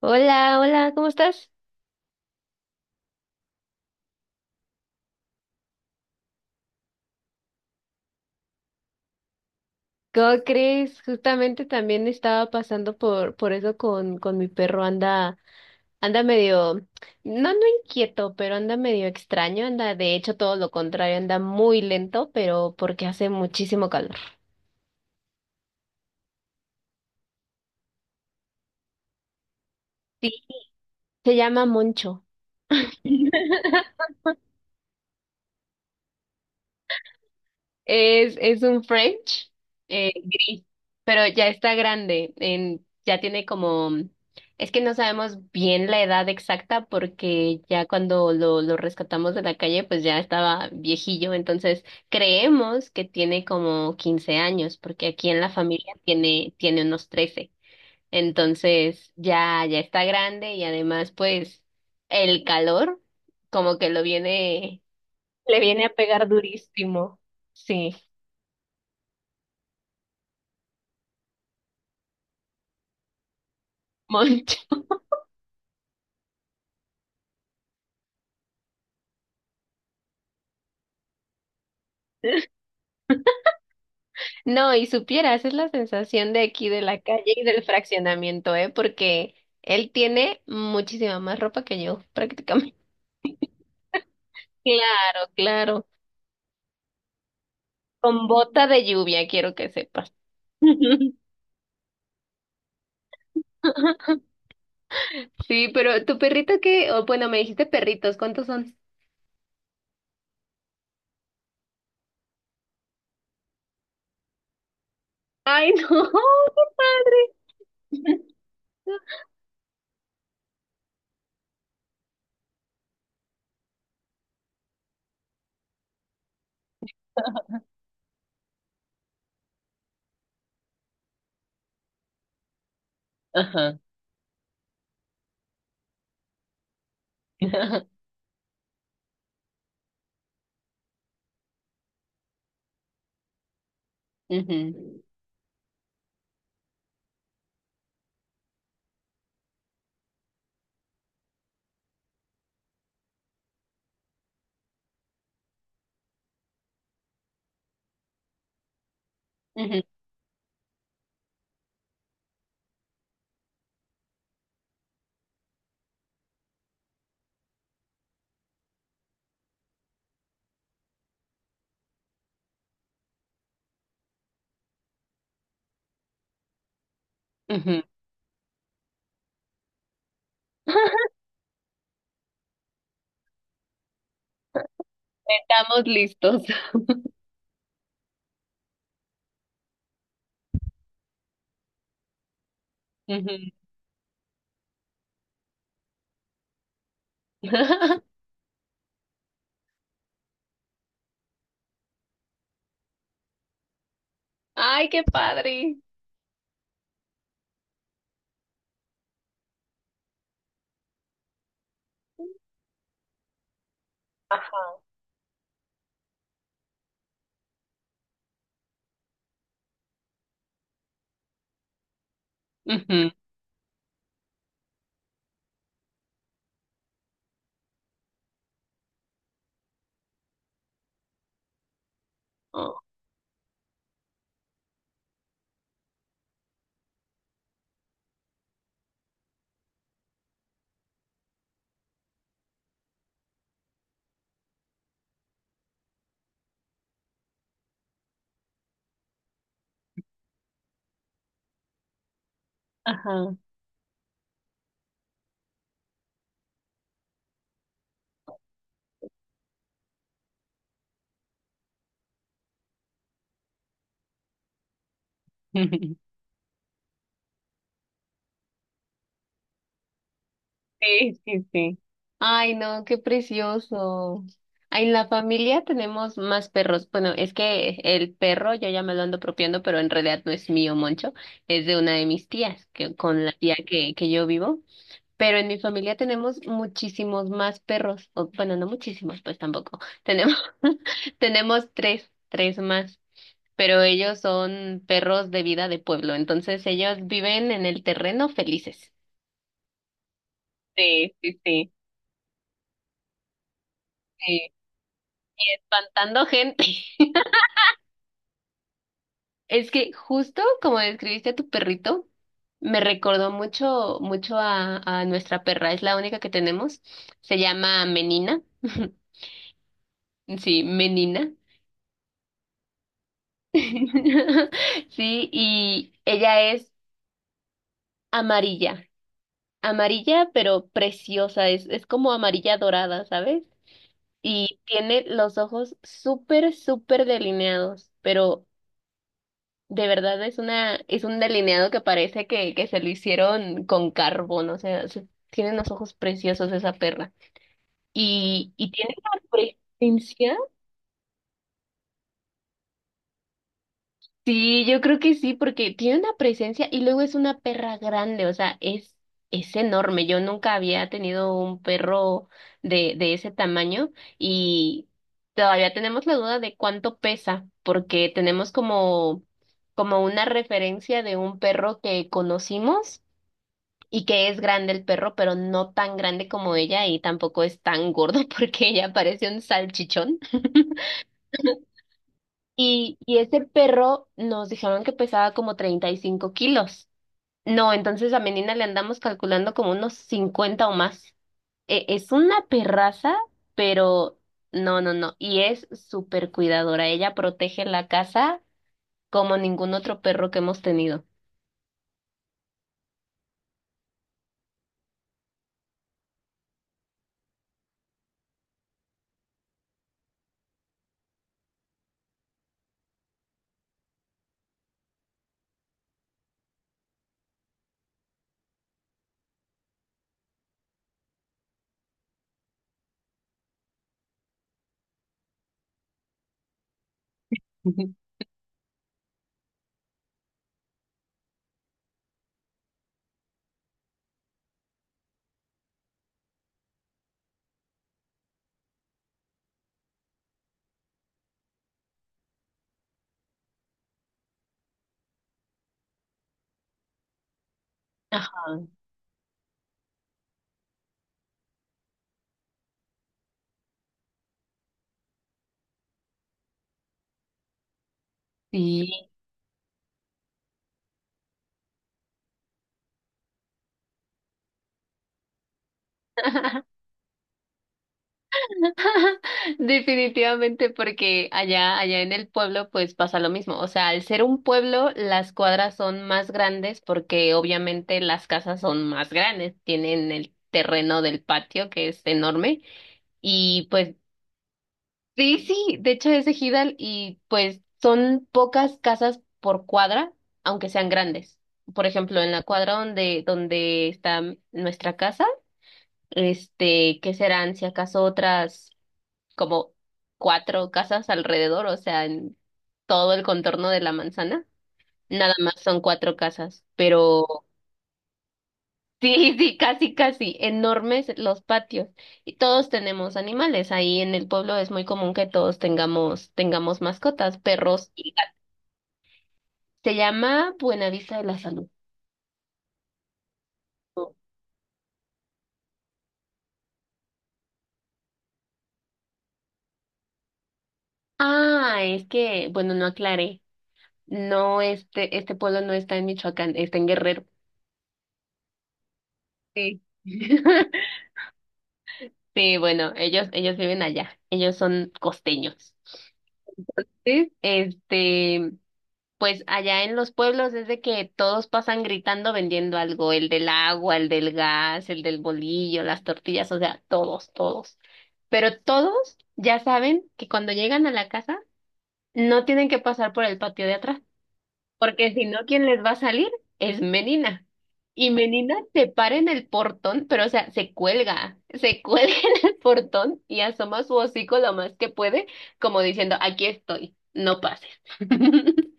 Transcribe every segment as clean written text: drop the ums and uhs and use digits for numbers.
Hola, hola, ¿cómo estás? ¿Cómo crees? Justamente también estaba pasando por eso con mi perro, anda medio, no, no inquieto, pero anda medio extraño, anda, de hecho, todo lo contrario, anda muy lento, pero porque hace muchísimo calor. Sí, se llama Moncho. Es un French gris, pero ya está grande, ya tiene como, es que no sabemos bien la edad exacta porque ya cuando lo rescatamos de la calle, pues ya estaba viejillo, entonces creemos que tiene como 15 años, porque aquí en la familia tiene unos 13, entonces ya está grande y además pues el calor como que le viene a pegar durísimo, sí. Moncho. No, y supieras, es la sensación de aquí de la calle y del fraccionamiento, ¿eh? Porque él tiene muchísima más ropa que yo, prácticamente. Claro, claro. Con bota de lluvia, quiero que sepas. Sí, pero tu perrito qué, o bueno, me dijiste perritos, ¿cuántos son? Ay, no. Ajá. Ujú, ujú, ujú. Estamos listos. Ujú. Ay, qué padre. Ujú. Sí, sí, sí. Ay, no, qué precioso. Ay, en la familia tenemos más perros. Bueno, es que el perro yo ya me lo ando apropiando, pero en realidad no es mío, Moncho, es de una de mis tías, que con la tía que yo vivo. Pero en mi familia tenemos muchísimos más perros. O, bueno, no muchísimos, pues tampoco. Tenemos, tenemos tres más. Pero ellos son perros de vida de pueblo, entonces ellos viven en el terreno felices. Sí, sí, sí. Espantando gente. Es que justo como describiste a tu perrito, me recordó mucho, mucho a nuestra perra. Es la única que tenemos. Se llama Menina. Sí, Menina. Sí, y ella es amarilla. Amarilla, pero preciosa. Es como amarilla dorada, ¿sabes? Y tiene los ojos súper, súper delineados, pero de verdad es es un delineado que parece que se lo hicieron con carbón, o sea, tiene unos ojos preciosos esa perra. Y tiene una presencia. Sí, yo creo que sí, porque tiene una presencia y luego es una perra grande, o sea, es enorme. Yo nunca había tenido un perro de ese tamaño y todavía tenemos la duda de cuánto pesa, porque tenemos como una referencia de un perro que conocimos y que es grande el perro, pero no tan grande como ella y tampoco es tan gordo porque ella parece un salchichón. Y ese perro nos dijeron que pesaba como 35 kilos. No, entonces a Menina le andamos calculando como unos 50 o más. Es una perraza, pero no, no, no. Y es súper cuidadora. Ella protege la casa como ningún otro perro que hemos tenido. Ajá, sí. Definitivamente, porque allá en el pueblo, pues pasa lo mismo. O sea, al ser un pueblo, las cuadras son más grandes porque obviamente las casas son más grandes, tienen el terreno del patio que es enorme y pues sí, sí, de hecho es ejidal y pues son pocas casas por cuadra, aunque sean grandes. Por ejemplo, en la cuadra donde está nuestra casa, que serán si acaso otras como cuatro casas alrededor, o sea, en todo el contorno de la manzana, nada más son cuatro casas, pero sí, sí, casi, casi, enormes los patios. Y todos tenemos animales, ahí en el pueblo es muy común que todos tengamos mascotas, perros y gatos. Se llama Buenavista de la Salud. Ah, es que, bueno, no aclaré. No, este pueblo no está en Michoacán, está en Guerrero. Sí. Sí, bueno, ellos viven allá, ellos son costeños. Sí. Pues allá en los pueblos es de que todos pasan gritando vendiendo algo, el del agua, el del gas, el del bolillo, las tortillas, o sea, todos, todos. Pero todos ya saben que cuando llegan a la casa no tienen que pasar por el patio de atrás. Porque si no, ¿quién les va a salir? Es Menina. Y Menina se para en el portón, pero o sea, se cuelga en el portón y asoma su hocico lo más que puede, como diciendo, aquí estoy, no pases.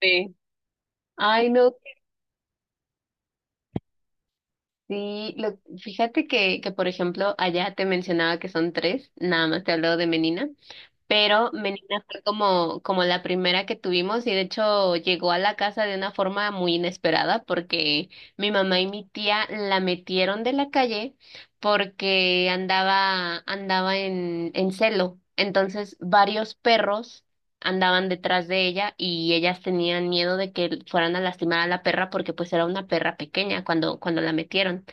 Sí. Ay, no, sí, fíjate que, por ejemplo, allá te mencionaba que son tres, nada más te hablo de Menina, pero Menina fue como la primera que tuvimos y de hecho llegó a la casa de una forma muy inesperada porque mi mamá y mi tía la metieron de la calle porque andaba en celo. Entonces varios perros andaban detrás de ella y ellas tenían miedo de que fueran a lastimar a la perra porque pues era una perra pequeña cuando la metieron.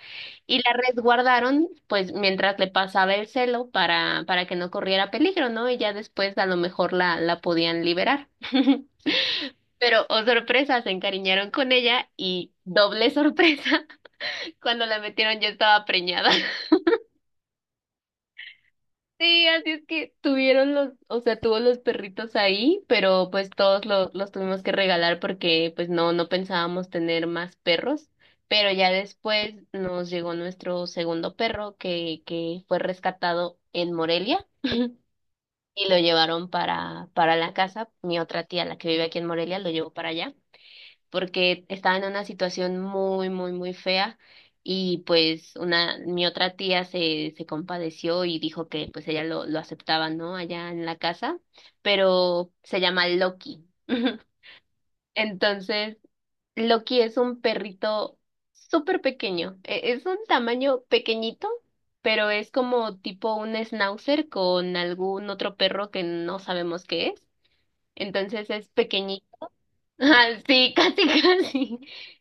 Y la resguardaron, pues, mientras le pasaba el celo para que no corriera peligro, ¿no? Y ya después a lo mejor la podían liberar. Pero, oh sorpresa, se encariñaron con ella y doble sorpresa, cuando la metieron yo estaba preñada. Sí, así es que o sea, tuvo los perritos ahí, pero pues todos los tuvimos que regalar porque pues no, no pensábamos tener más perros, pero ya después nos llegó nuestro segundo perro que fue rescatado en Morelia y lo llevaron para la casa. Mi otra tía, la que vive aquí en Morelia, lo llevó para allá porque estaba en una situación muy, muy, muy fea y pues mi otra tía se compadeció y dijo que pues ella lo aceptaba, ¿no? Allá en la casa, pero se llama Loki. Entonces, Loki es un perrito súper pequeño, es un tamaño pequeñito. Pero es como tipo un schnauzer con algún otro perro que no sabemos qué es. Entonces es pequeñito. Ajá, sí, casi, casi.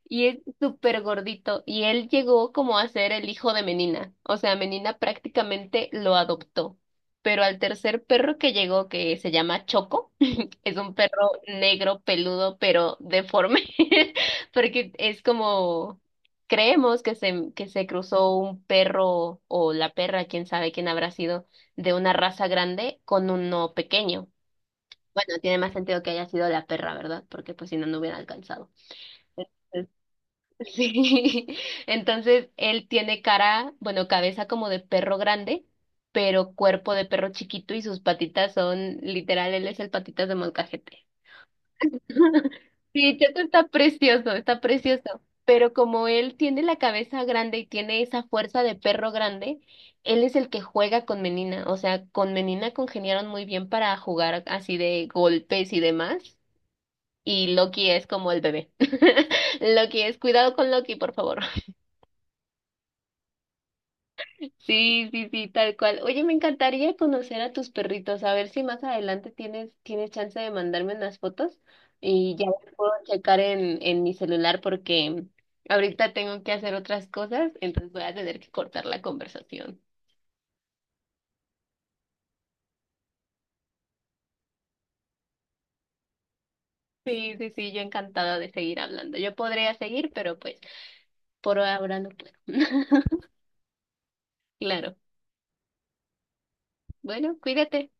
Y es súper gordito. Y él llegó como a ser el hijo de Menina. O sea, Menina prácticamente lo adoptó. Pero al tercer perro que llegó, que se llama Choco, es un perro negro, peludo, pero deforme, porque es como, creemos que que se cruzó un perro o la perra, quién sabe quién habrá sido, de una raza grande con uno pequeño. Bueno, tiene más sentido que haya sido la perra, ¿verdad? Porque pues si no, no hubiera alcanzado. Sí. Entonces, él tiene cara, bueno, cabeza como de perro grande, pero cuerpo de perro chiquito y sus patitas son, literal, él es el patitas de molcajete. Sí, Checo está precioso, está precioso. Pero como él tiene la cabeza grande y tiene esa fuerza de perro grande, él es el que juega con Menina. O sea, con Menina congeniaron muy bien para jugar así de golpes y demás. Y Loki es como el bebé. Loki es, cuidado con Loki, por favor. Sí, sí, sí, tal cual. Oye, me encantaría conocer a tus perritos, a ver si más adelante tienes chance de mandarme unas fotos y ya las puedo checar en mi celular porque ahorita tengo que hacer otras cosas, entonces voy a tener que cortar la conversación. Sí, sí, sí, yo encantada de seguir hablando. Yo podría seguir, pero pues por ahora no puedo. Claro. Bueno, cuídate.